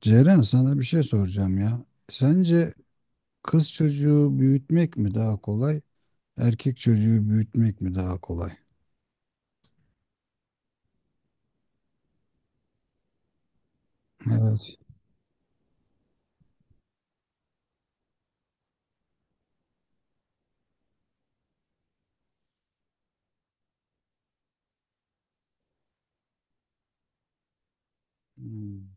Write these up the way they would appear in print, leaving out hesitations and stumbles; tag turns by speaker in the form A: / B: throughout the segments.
A: Ceren sana bir şey soracağım ya. Sence kız çocuğu büyütmek mi daha kolay, erkek çocuğu büyütmek mi daha kolay? Evet. Hmm.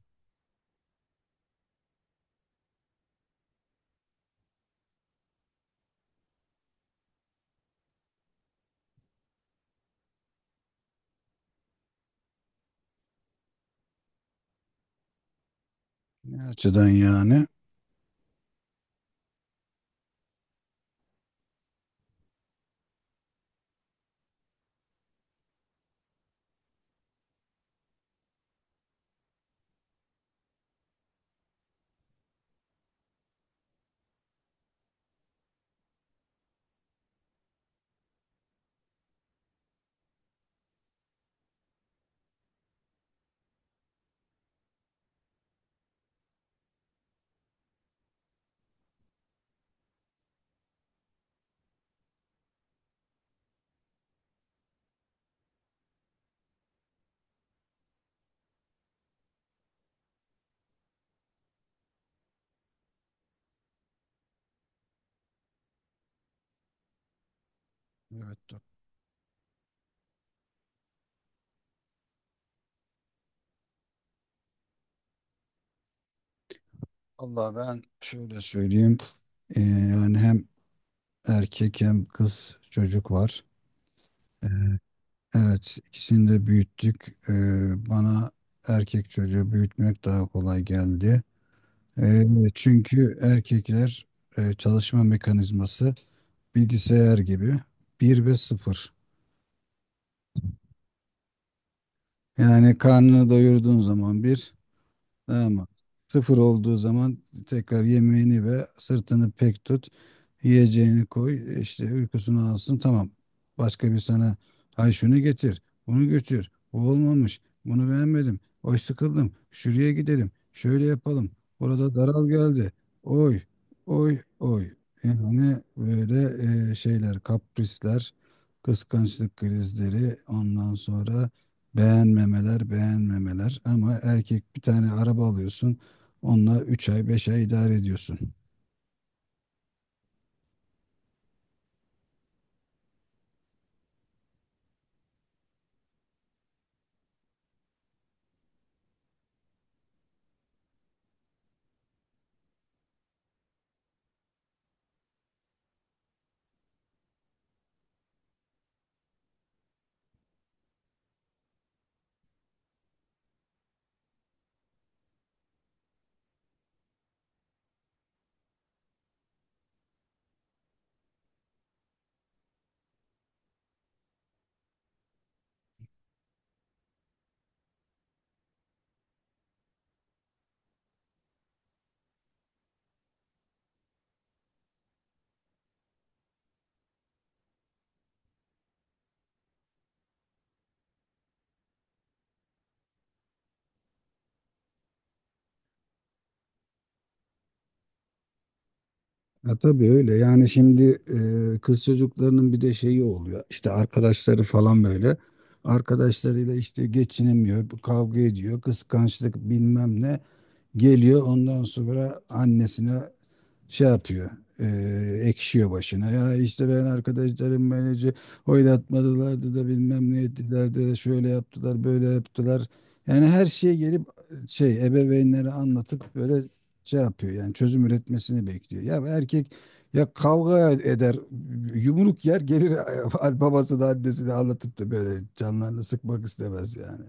A: Ne açıdan yani? Evet. Dur. Allah ben şöyle söyleyeyim. Yani hem erkek hem kız çocuk var. Ee, Evet, ikisini de büyüttük. Bana erkek çocuğu büyütmek daha kolay geldi. Ee, çünkü erkekler çalışma mekanizması bilgisayar gibi bir ve sıfır. Yani karnını doyurduğun zaman bir. Ama sıfır olduğu zaman tekrar yemeğini ve sırtını pek tut. Yiyeceğini koy. İşte uykusunu alsın. Tamam. Başka bir sana ay şunu getir. Bunu götür. Bu olmamış. Bunu beğenmedim. Oy, sıkıldım. Şuraya gidelim. Şöyle yapalım. Burada daral geldi. Oy. Oy. Oy. Yani böyle şeyler, kaprisler, kıskançlık krizleri, ondan sonra beğenmemeler, beğenmemeler, ama erkek bir tane araba alıyorsun. Onunla 3 ay, 5 ay idare ediyorsun. Ya tabii öyle. Yani şimdi kız çocuklarının bir de şeyi oluyor. İşte arkadaşları falan böyle. Arkadaşlarıyla işte geçinemiyor, kavga ediyor, kıskançlık bilmem ne geliyor. Ondan sonra annesine şey yapıyor. e, Ekşiyor başına. Ya işte ben arkadaşlarım beni oylatmadılardı da bilmem ne ettiler de şöyle yaptılar böyle yaptılar. Yani her şeye gelip şey, ebeveynlere anlatıp böyle şey yapıyor. Yani çözüm üretmesini bekliyor. Ya erkek ya kavga eder, yumruk yer gelir babası da annesi de anlatıp da böyle canlarını sıkmak istemez yani.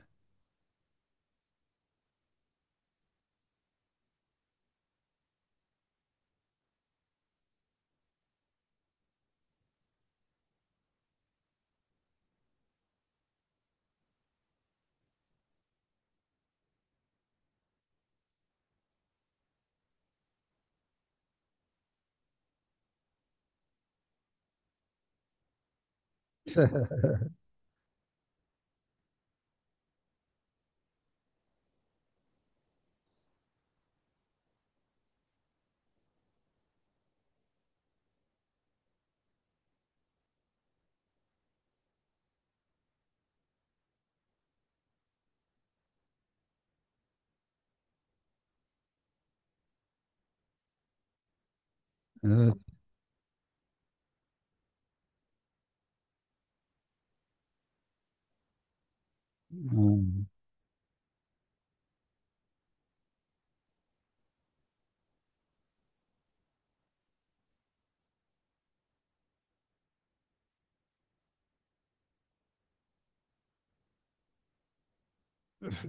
A: Evet. Hmm.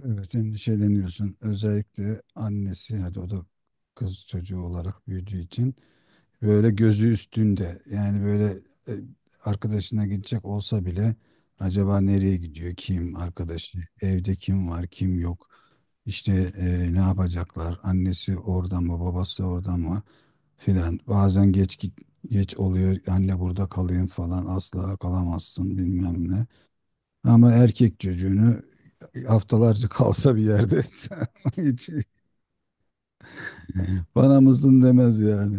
A: Evet, endişeleniyorsun. Özellikle annesi, hadi o da kız çocuğu olarak büyüdüğü için böyle gözü üstünde. Yani böyle e, arkadaşına gidecek olsa bile acaba nereye gidiyor? Kim arkadaşı? Evde kim var? Kim yok? İşte ne yapacaklar? Annesi orada mı? Babası orada mı? Filan. Bazen geç git, geç oluyor. Anne burada kalayım falan. Asla kalamazsın bilmem ne. Ama erkek çocuğunu haftalarca kalsa bir yerde hiç bana mısın demez yani.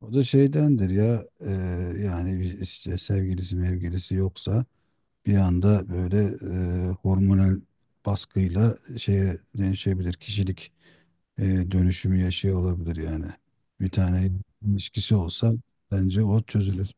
A: O da şeydendir ya, yani bir işte sevgilisi mevgilisi yoksa bir anda böyle hormonal baskıyla şeye dönüşebilir. Kişilik e, dönüşümü yaşıyor olabilir yani. Bir tane ilişkisi olsa bence o çözülür.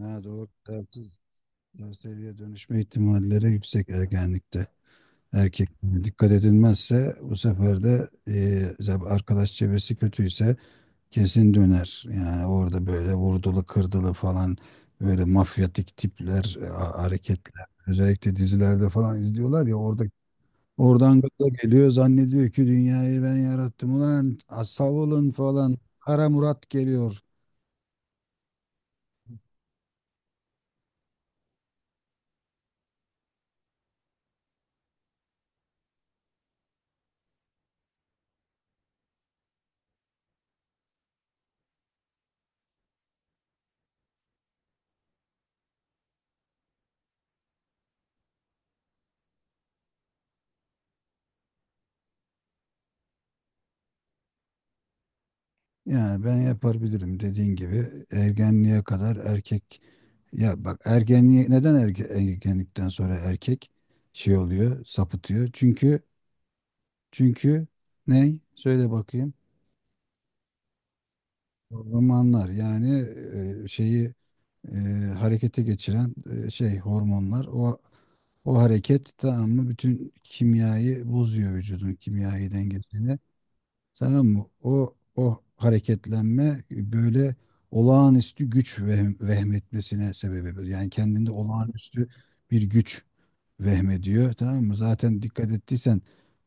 A: Ha, doğru. Dertsiz, seviye dönüşme ihtimalleri yüksek ergenlikte. Erkekliğine dikkat edilmezse bu sefer de mesela arkadaş çevresi kötüyse kesin döner. Yani orada böyle vurdulu kırdılı falan, böyle mafyatik tipler, hareketler. Özellikle dizilerde falan izliyorlar ya, orada oradan gaza geliyor, zannediyor ki dünyayı ben yarattım ulan, savulun falan. Kara Murat geliyor. Yani ben yapabilirim, dediğin gibi ergenliğe kadar erkek, ya bak, ergenliğe neden ergenlikten sonra erkek şey oluyor, sapıtıyor, çünkü çünkü ney, söyle bakayım. Hormonlar, yani şeyi e, harekete geçiren şey hormonlar, o hareket, tamam mı, bütün kimyayı bozuyor, vücudun kimyayı dengesini. Tamam mı? O hareketlenme böyle olağanüstü güç vehmetmesine sebep olur. Yani kendinde olağanüstü bir güç vehmediyor. Tamam mı? Zaten dikkat ettiysen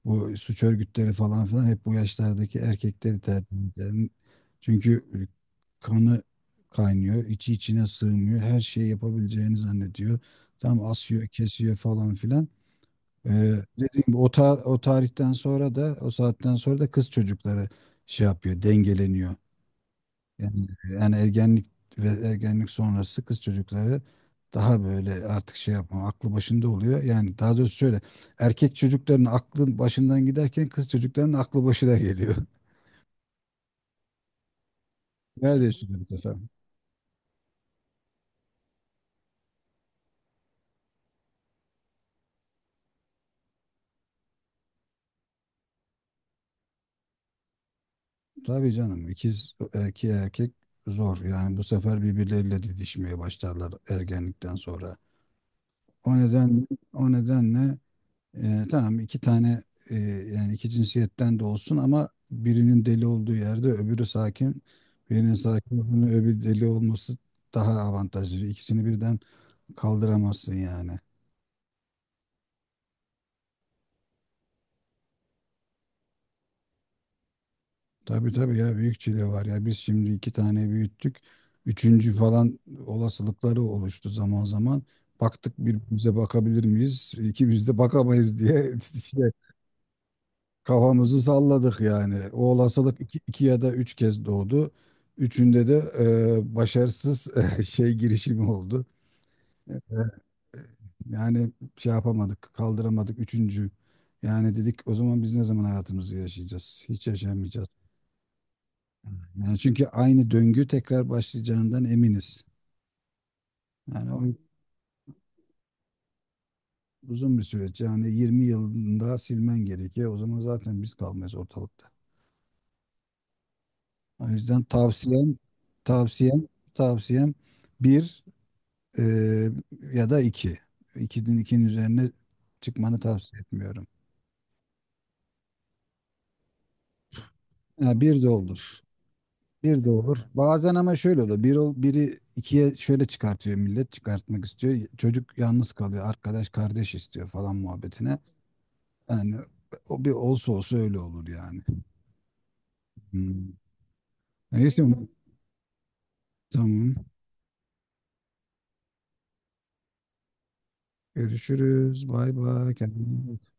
A: bu suç örgütleri falan filan hep bu yaşlardaki erkekleri tercih eder. Çünkü kanı kaynıyor, içi içine sığmıyor. Her şeyi yapabileceğini zannediyor. Tam asıyor, kesiyor falan filan. Ee, dediğim gibi o tarihten sonra da, o saatten sonra da kız çocukları şey yapıyor, dengeleniyor. Yani, yani ergenlik ve ergenlik sonrası kız çocukları daha böyle artık şey yapma, aklı başında oluyor. Yani daha doğrusu şöyle, erkek çocukların aklı başından giderken kız çocukların aklı başına geliyor. Neredeyse bu sefer. Tabii canım, ikiz erkeğe erkek zor. Yani bu sefer birbirleriyle didişmeye başlarlar ergenlikten sonra. O nedenle, o nedenle, tamam, iki tane e, yani iki cinsiyetten de olsun, ama birinin deli olduğu yerde öbürü sakin. Birinin sakin olduğunu öbürü deli olması daha avantajlı. İkisini birden kaldıramazsın yani. Tabii tabii, ya büyük çile var ya. Biz şimdi iki tane büyüttük. Üçüncü falan olasılıkları oluştu zaman zaman. Baktık, birbirimize bakabilir miyiz? İkimiz de bakamayız diye şey, kafamızı salladık yani. O olasılık iki, iki ya da üç kez doğdu. Üçünde de başarısız şey girişimi oldu. Evet. Yani şey yapamadık, kaldıramadık üçüncü. Yani dedik, o zaman biz ne zaman hayatımızı yaşayacağız? Hiç yaşayamayacağız. Yani çünkü aynı döngü tekrar başlayacağından eminiz. Yani o uzun bir süreç. Yani 20 yılında silmen gerekiyor. O zaman zaten biz kalmayız ortalıkta. O yüzden tavsiyem, tavsiyem bir, Ee, ya da iki. İkinin üzerine çıkmanı tavsiye etmiyorum. Ha, bir de olur. Bir de olur. Bazen ama şöyle oluyor. Biri ikiye şöyle çıkartıyor millet. Çıkartmak istiyor. Çocuk yalnız kalıyor. Arkadaş kardeş istiyor falan muhabbetine. Yani o bir olsa olsa öyle olur yani. Hmm. Neyse. Tamam. Görüşürüz. Bay bay. Kendine iyi bak.